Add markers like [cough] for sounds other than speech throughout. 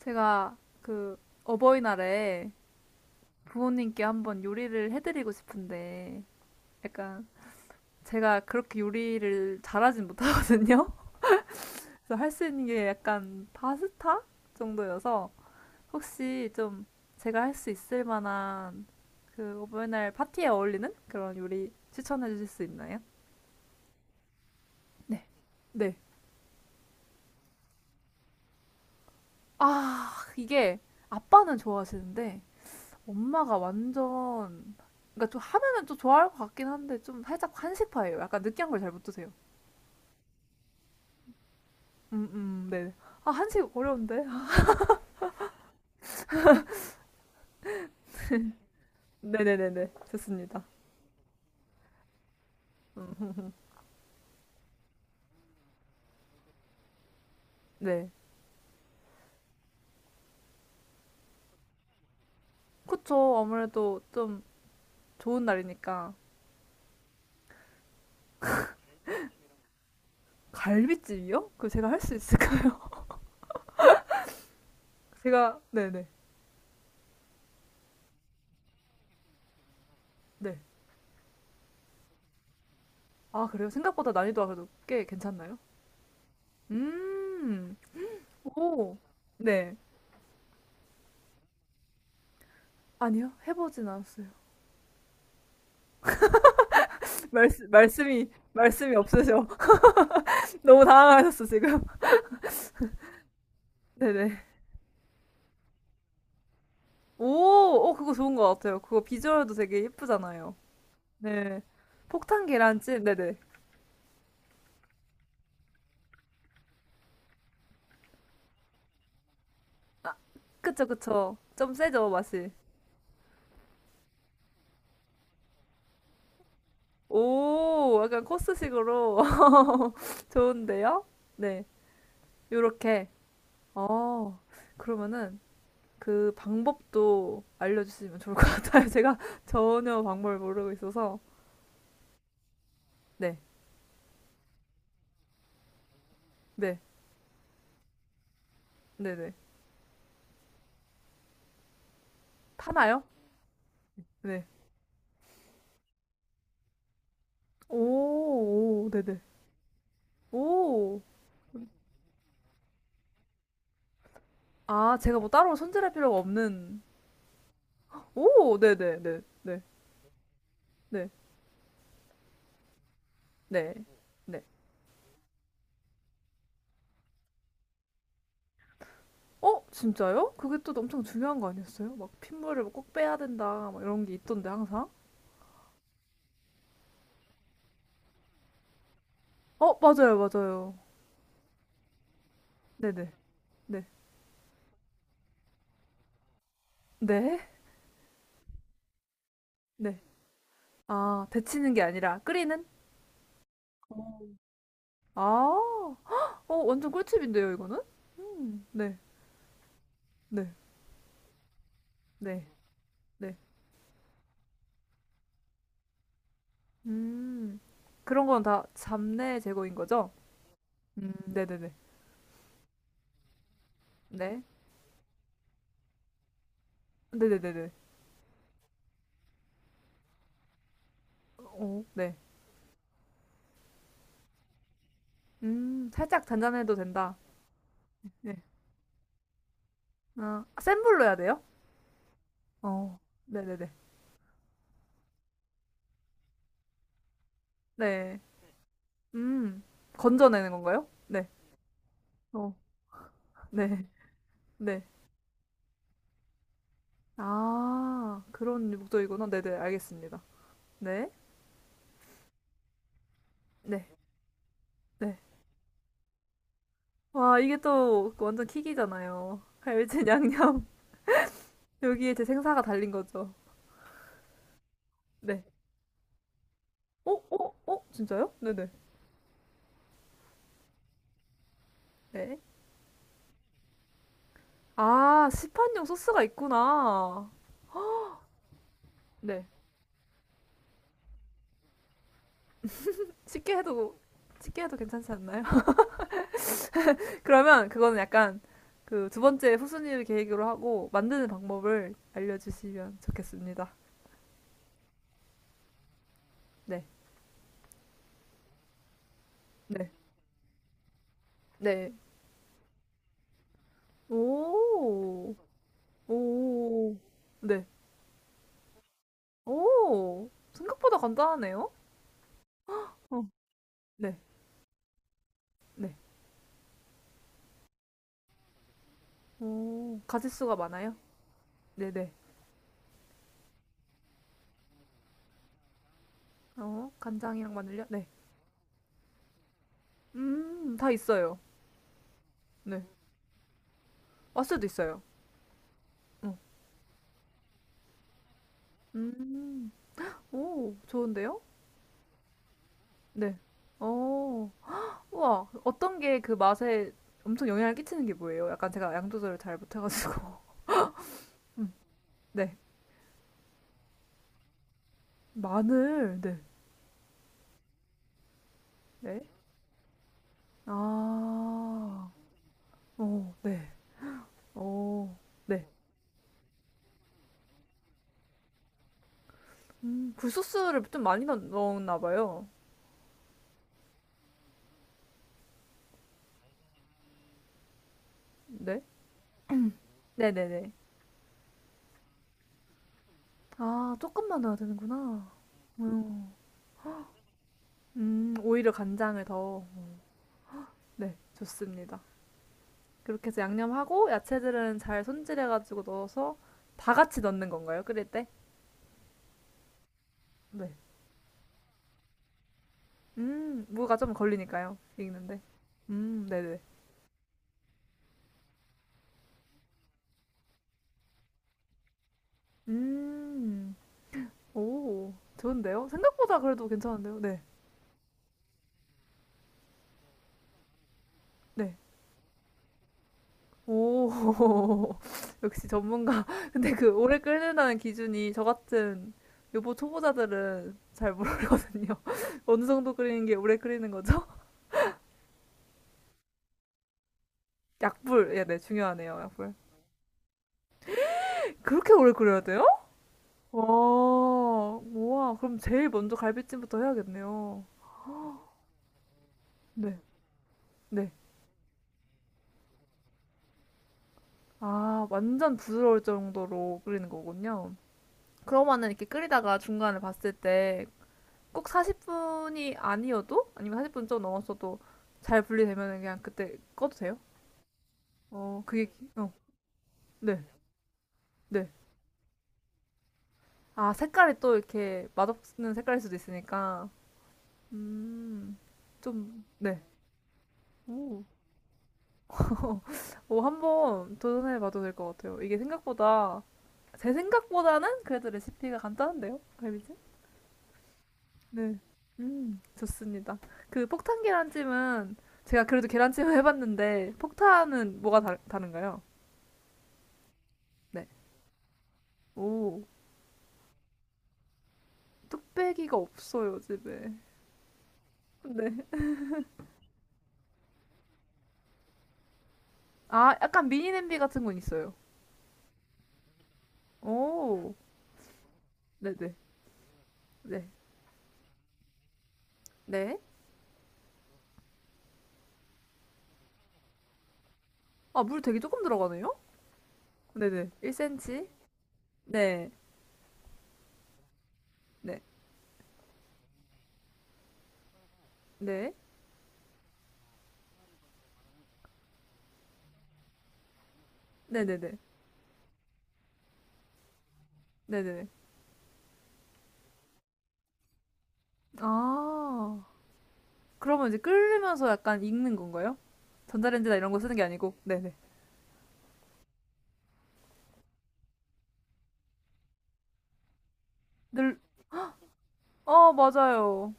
제가 그 어버이날에 부모님께 한번 요리를 해드리고 싶은데 약간 제가 그렇게 요리를 잘하진 못하거든요. [laughs] 그래서 할 수 있는 게 약간 파스타 정도여서 혹시 좀 제가 할 수 있을 만한 그 어버이날 파티에 어울리는 그런 요리 추천해 주실 수 있나요? 네. 네. 아, 이게 아빠는 좋아하시는데 엄마가 완전 그러니까 좀 하면은 좀 좋아할 것 같긴 한데 좀 살짝 한식파예요. 약간 느끼한 걸 잘 못 드세요. 네. 아, 한식 어려운데. [laughs] 네네네네. 좋습니다. 네. 그쵸. 아무래도 좀 좋은 날이니까. 갈비찜이요? 그럼 제가 할 수 있을까요? [laughs] 제가, 네네. 네. 아, 그래요? 생각보다 난이도가 그래도 꽤 괜찮나요? 음, 오, 네. 아니요. 해보진 않았어요. [laughs] 말씀이 없으셔. [laughs] 너무 당황하셨어, 지금. [laughs] 네네. 오, 어, 그거 좋은 것 같아요. 그거 비주얼도 되게 예쁘잖아요. 네. 폭탄 계란찜, 네네. 아, 그쵸, 그쵸. 좀 세죠, 맛이. 오, 약간 코스식으로. [laughs] 좋은데요? 네. 요렇게. 어, 그러면은 그 방법도 알려주시면 좋을 것 같아요. [laughs] 제가 전혀 방법을 모르고 있어서. 네, 네, 네네. 파나요? 네. 오, 오, 네네. 오. 아, 제가 뭐 따로 손질할 필요가 없는 오, 네네네, 네, 네, 네, 네. 네, 네. 어, 진짜요? 그게 또 엄청 중요한 거 아니었어요? 막 핏물을 꼭 빼야 된다, 막 이런 게 있던데, 항상. 어, 맞아요, 맞아요. 네네, 네, 네, 네. 네. 아, 데치는 게 아니라 끓이는? 아, 헉, 어, 완전 꿀팁인데요, 이거는? 네, 네, 네, 네. 음, 그런 건 다 잡내 제거인 거죠? 네네네, 네, 네네네네. 오, 네. 네, 네, 네. 어? 네. 살짝 잔잔해도 된다. 네. 아, 센 불로 해야 돼요? 어, 네네네. 네. 음, 건져내는 건가요? 네. 어, 네. 네. 아, 그런 목적이구나. 네네, 알겠습니다. 네. 네. 네. 와, 이게 또 완전 킥이잖아요. 갈비찜 양념. [laughs] 여기에 제 생사가 달린 거죠. 네. 어, 어, 어? 진짜요? 네네. 네. 아, 시판용 소스가 있구나. 네. 쉽게 해도, 쉽게 해도 괜찮지 않나요? [laughs] 그러면 그거는 약간 그 두 번째 후순위를 계으로 하고 만드는 방법을 알려주시면 좋겠습니다. 네, 네, 네. 오, 오, 네. 오, 생각보다 간단하네요. 어, 네, 네. 오, 가짓수가 많아요? 네, 네. 어, 간장이랑 마늘요? 네. 다 있어요. 네. 맛술도 있어요. 어. 음, 오, 좋은데요? 네. 어, 우와, 어떤 게 그 맛에 엄청 영향을 끼치는 게 뭐예요? 약간 제가 양 조절을 잘 못해가지고. [laughs] 음, 네. 마늘, 네. 네. 아, 오, 네. 오, 네. 굴소스를 좀 많이 넣었나 봐요. 네. 네네네. 아, 조금만 넣어야 되는구나. 음, 오히려 간장을 더. 네, 좋습니다. 그렇게 해서 양념하고 야채들은 잘 손질해가지고 넣어서 다 같이 넣는 건가요? 끓일 때? 네. 음. 무가 좀 걸리니까요. 읽는데. 음. 네네. 음. 오. 좋은데요? 생각보다 그래도 괜찮은데요? 네. 네. 오. [laughs] 역시 전문가. 근데 그 오래 끓는다는 기준이 저 같은 요보 초보자들은 잘 모르거든요. [laughs] 어느 정도 끓이는 게 오래 끓이는 거죠? [laughs] 약불. 예, 네. 중요하네요. 약불. 그렇게 오래 끓여야 돼요? 와. 우와. 그럼 제일 먼저 갈비찜부터 해야겠네요. 네. 네. 아, 완전 부드러울 정도로 끓이는 거군요. 그러면은 이렇게 끓이다가 중간에 봤을 때 꼭 40분이 아니어도 아니면 40분 좀 넘었어도 잘 분리되면은 그냥 그때 꺼도 돼요? 어, 그게 어, 네, 네. 아, 색깔이 또 이렇게 맛없는 색깔일 수도 있으니까 음, 좀 네. 오, [laughs] 오, 한번 도전해봐도 될 것 같아요. 이게 생각보다 제 생각보다는 그래도 레시피가 간단한데요, 갈비찜? 네. 좋습니다. 그 폭탄 계란찜은 제가 그래도 계란찜을 해봤는데 폭탄은 뭐가 다른가요? 네. 오, 뚝배기가 없어요, 집에. 네. 아, 약간 미니 냄비 같은 건 있어요. 오, 네네. 네. 네. 아, 물 되게 조금 들어가네요? 네네. 1cm. 네. 네. 네. 네네네. 네네네. 아, 그러면 이제 끓으면서 약간 익는 건가요? 전자레인지나 이런 거 쓰는 게 아니고. 네네. 늘 어, 맞아요.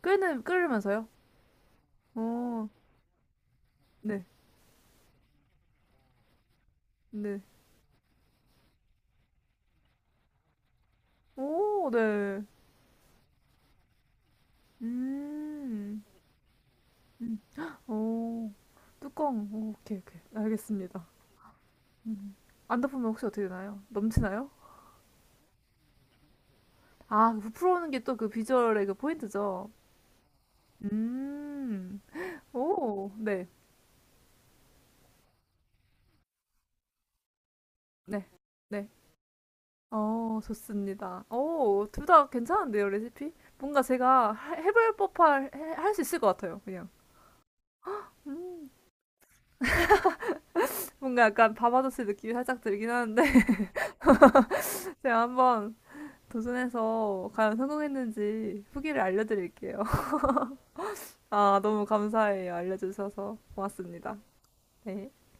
끓는, 끓으면서요? 오, 네, 네. 오, 네. 음, 헉, 오, 뚜껑. 오, 오케이, 오케이. 알겠습니다. 음. 안 덮으면 혹시 어떻게 되나요? 넘치나요? 아, 그 부풀어오는 게 또 그 비주얼의 그 포인트죠. 음, 오, 네, 네, 네. 어, 좋습니다. 오, 둘 다 괜찮은데요, 레시피? 뭔가 제가 해볼 법할, 할 수 있을 것 같아요, 그냥. 음. 뭔가 약간 밤아저씨 느낌이 살짝 들긴 하는데 [laughs] 제가 한번 도전해서 과연 성공했는지 후기를 알려드릴게요. [laughs] 아, 너무 감사해요. 알려주셔서 고맙습니다. 네.